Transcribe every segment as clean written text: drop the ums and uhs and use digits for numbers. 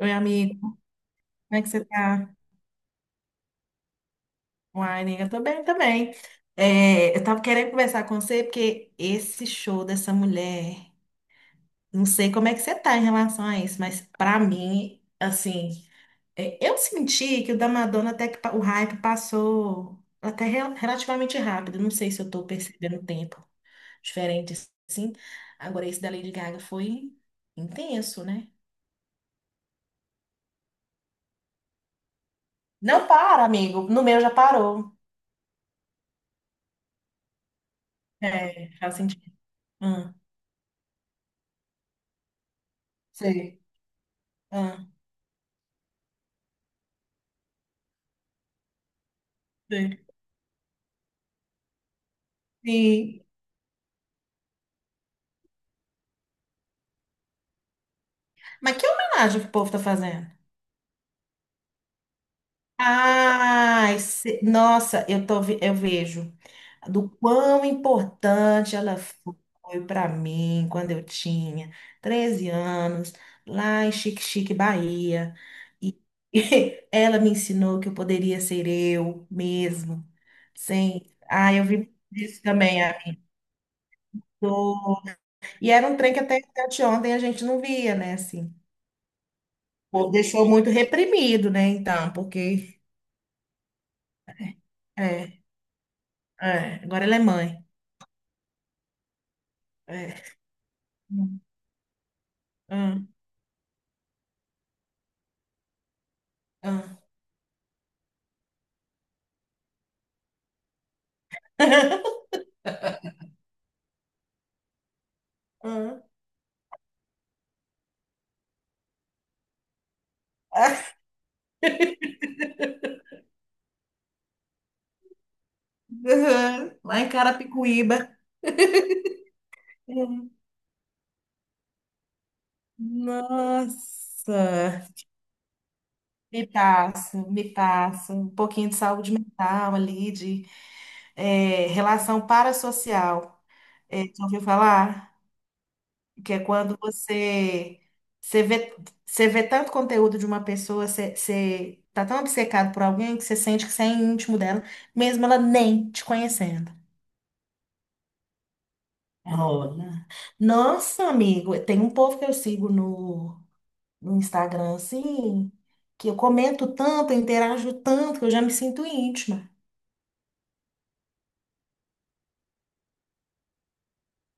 Oi, amigo, como é que você tá? Uai, nega, eu tô bem também. Eu tava querendo conversar com você porque esse show dessa mulher, não sei como é que você tá em relação a isso, mas pra mim, assim, eu senti que o da Madonna até que o hype passou até relativamente rápido. Não sei se eu tô percebendo o tempo diferente assim. Agora esse da Lady Gaga foi intenso, né? Não para, amigo. No meu já parou. É, faz sentido. Ah, sei. Hum. Sim. Mas que homenagem que o povo tá fazendo? Ai, nossa, eu vejo do quão importante ela foi para mim quando eu tinha 13 anos, lá em Xique Xique, Bahia. E ela me ensinou que eu poderia ser eu mesmo, sem. Ah, eu vi isso também. A- E era um trem que até de ontem a gente não via, né? Assim. Ou deixou muito reprimido, né? Então, porque. É, é, agora ela é mãe. É. Hum, hum, hum. Hum. Ah, uhum. Lá em Carapicuíba. Hum. Nossa, me passa. Um pouquinho de saúde mental ali, de relação parassocial. É, já ouviu falar? Que é quando você, você vê, você vê tanto conteúdo de uma pessoa, você tá tão obcecado por alguém que você sente que você é íntimo dela, mesmo ela nem te conhecendo. Rola. Nossa, amigo, tem um povo que eu sigo no Instagram, assim, que eu comento tanto, eu interajo tanto, que eu já me sinto íntima.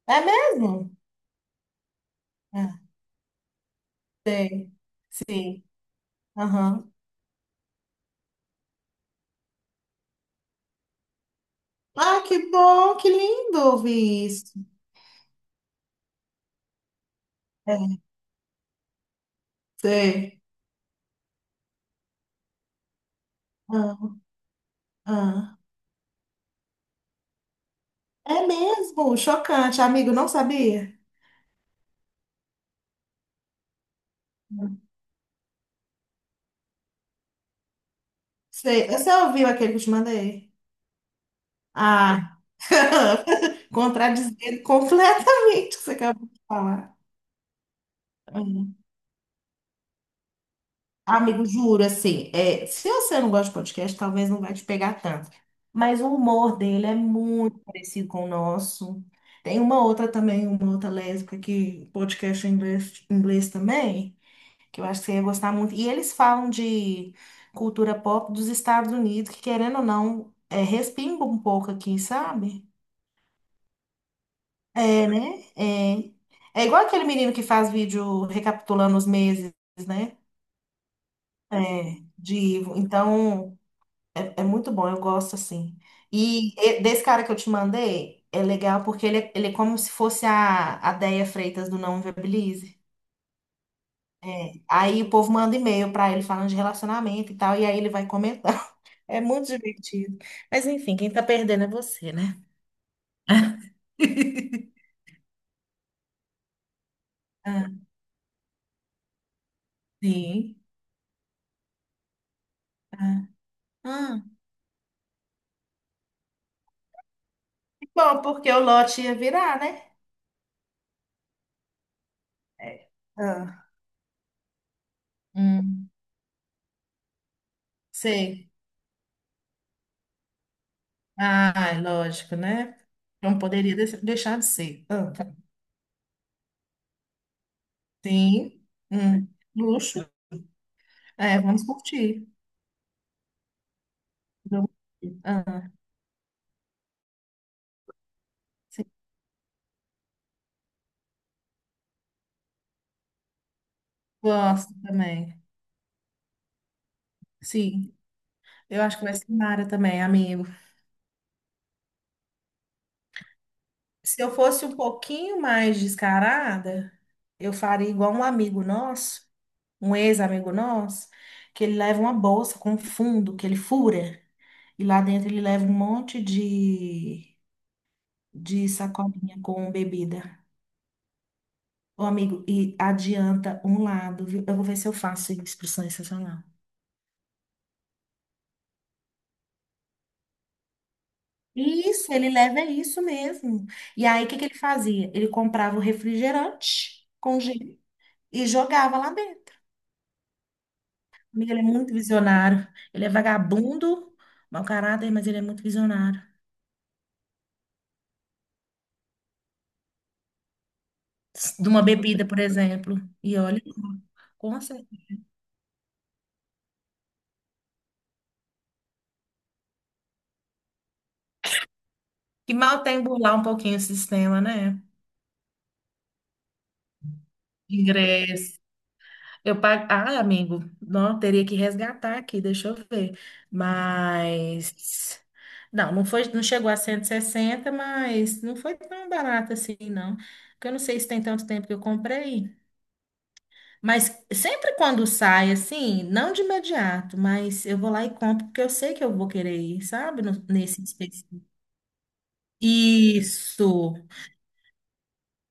É mesmo? Ah, sim. Aham. Ah, que bom, que lindo ouvir isso. É, sei. Ah, ah. É mesmo, chocante, amigo, não sabia? Sei, você ouviu aquele que eu te mandei? Ah, contradizendo completamente o que você acabou de falar. Hum. Amigo, juro, assim, se você não gosta de podcast, talvez não vai te pegar tanto. Mas o humor dele é muito parecido com o nosso. Tem uma outra também, uma outra lésbica que podcast em inglês, inglês também. Que eu acho que você ia gostar muito. E eles falam de cultura pop dos Estados Unidos, que querendo ou não, respinga um pouco aqui, sabe? É, né? É. É igual aquele menino que faz vídeo recapitulando os meses, né? Então, é muito bom, eu gosto assim. E, desse cara que eu te mandei, é legal porque ele, ele é como se fosse a Déia Freitas do Não Inviabilize. É, aí o povo manda e-mail pra ele falando de relacionamento e tal, e aí ele vai comentando. É muito divertido. Mas enfim, quem tá perdendo é você, né? Ah, sim. Ah, ah. Que bom, porque o lote ia virar, né? É. Ah. Hum, sei. Ah, é lógico, né? Não poderia deixar de ser. Ah, sim. Hum, luxo. É, vamos curtir. Vamos curtir. Ah, sim. Gosto também. Sim. Eu acho que vai ser Mara também, amigo. Se eu fosse um pouquinho mais descarada, eu faria igual um amigo nosso, um ex-amigo nosso, que ele leva uma bolsa com fundo, que ele fura, e lá dentro ele leva um monte de sacolinha com bebida. Ô, amigo, e adianta um lado, viu? Eu vou ver se eu faço instrução excepcional. Isso, ele leva isso mesmo. E aí, o que que ele fazia? Ele comprava o refrigerante com gelo e jogava lá dentro. Amiga, ele é muito visionário. Ele é vagabundo, mau caráter, mas ele é muito visionário. De uma bebida, por exemplo. E olha, com certeza. Que mal tem burlar um pouquinho o sistema, né? Ingresso. Eu pago. Ah, amigo, não, teria que resgatar aqui, deixa eu ver. Mas. Não, não foi, não chegou a 160, mas não foi tão barato assim, não. Porque eu não sei se tem tanto tempo que eu comprei. Mas sempre quando sai, assim, não de imediato, mas eu vou lá e compro, porque eu sei que eu vou querer ir, sabe? Nesse específico. Isso.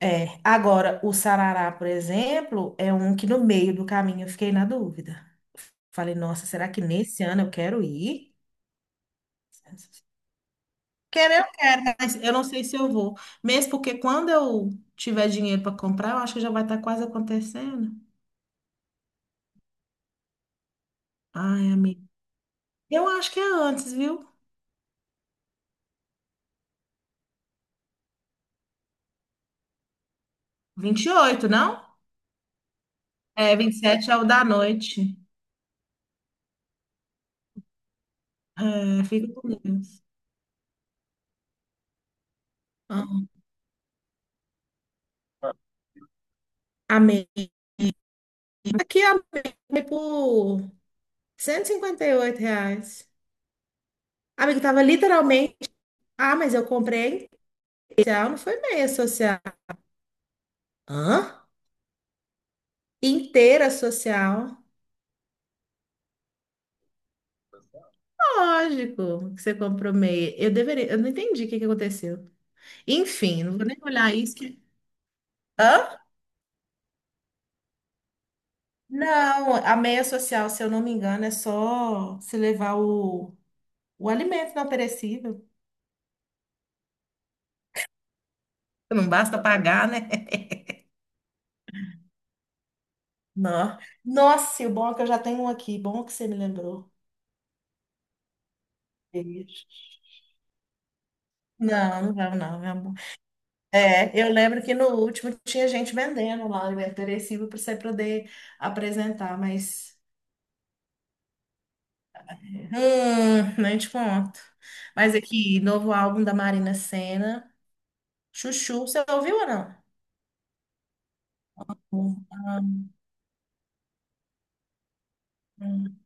É. Agora, o sarará, por exemplo, é um que no meio do caminho eu fiquei na dúvida. Falei, nossa, será que nesse ano eu quero ir? Querer, mas eu não sei se eu vou. Mesmo porque quando eu tiver dinheiro para comprar, eu acho que já vai estar quase acontecendo. Ai, amiga. Eu acho que é antes, viu? Vinte e oito não? É, 27 é o da noite. É, fica com Deus. Ah, amei. Aqui, amei foi por R$ 158. Amigo, tava literalmente. Ah, mas eu comprei a social, não foi meia social. Hã? Inteira social. Lógico que você comprou meia. Eu deveria. Eu não entendi o que que aconteceu. Enfim, não vou nem olhar isso. que- Hã? Não, a meia social, se eu não me engano, é só se levar o alimento não perecível. Não basta pagar, né? Não. Nossa, e o bom é que eu já tenho um aqui. Bom que você me lembrou. Ixi. Não, não vamos não, meu amor. É, eu lembro que no último tinha gente vendendo lá alimento perecível para você poder apresentar, mas nem te conto. Mas aqui, novo álbum da Marina Sena, Chuchu, você ouviu ou não? Hum, hum.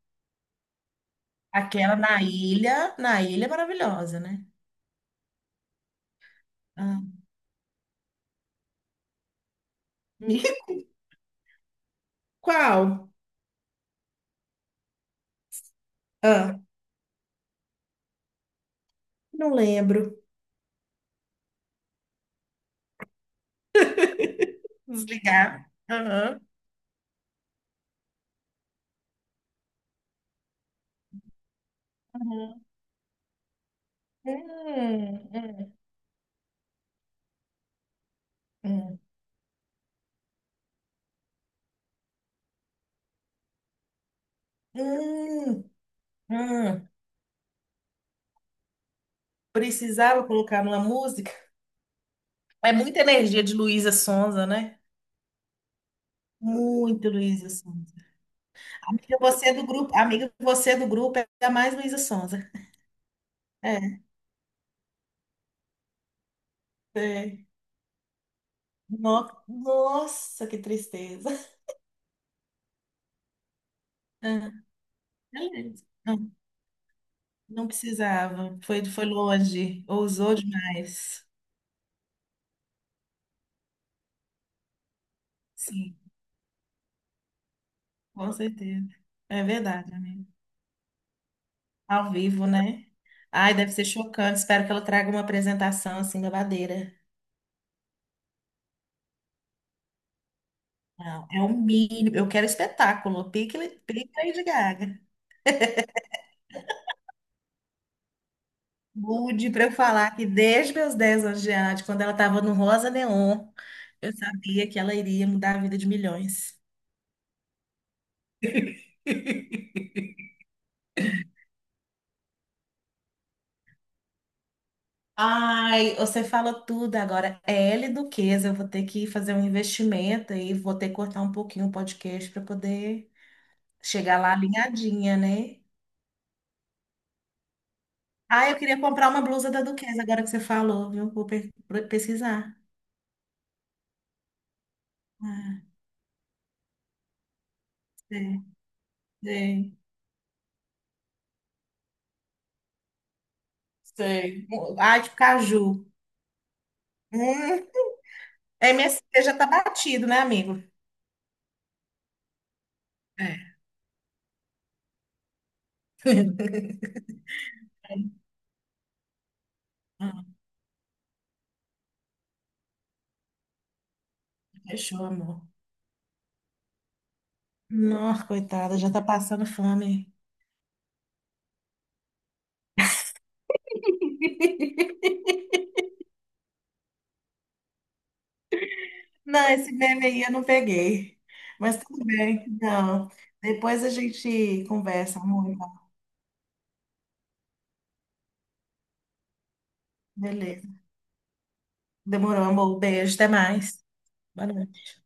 Aquela na ilha é maravilhosa, né? Ah, Qual? Ah, não lembro. Desligar. Aham. Uhum. Hum, hum, hum, hum, hum. Precisava colocar numa música. É muita energia de Luísa Sonza, né? Muito Luísa Sonza. Amiga, você é do grupo. Amiga, você é do grupo, é a mais Luísa Sonza. É. é Nossa, que tristeza. Ah, beleza. Não, não precisava. Foi longe. Ousou demais. Sim, com certeza. É verdade, amiga. Ao vivo, né? Ai, deve ser chocante. Espero que ela traga uma apresentação assim, babadeira. Não, é o mínimo. Eu quero espetáculo. Pique Lady Gaga. Mude para eu falar que desde meus 10 anos de idade, quando ela estava no Rosa Neon, eu sabia que ela iria mudar a vida de milhões. Ai, você falou tudo agora. É L Duquesa, eu vou ter que fazer um investimento e vou ter que cortar um pouquinho o podcast para poder chegar lá alinhadinha, né? Ah, eu queria comprar uma blusa da Duquesa, agora que você falou, viu? Pesquisar. Ah, sei, sei, sei. Ah, de caju. Hum, MSC já tá batido, né, amigo? É. Ah, fechou, amor. Nossa, coitada, já tá passando fome. Não, esse meme aí eu não peguei. Mas tudo bem, não. Depois a gente conversa, amor. Beleza. Demorou, amor. Beijo, até mais. Boa noite.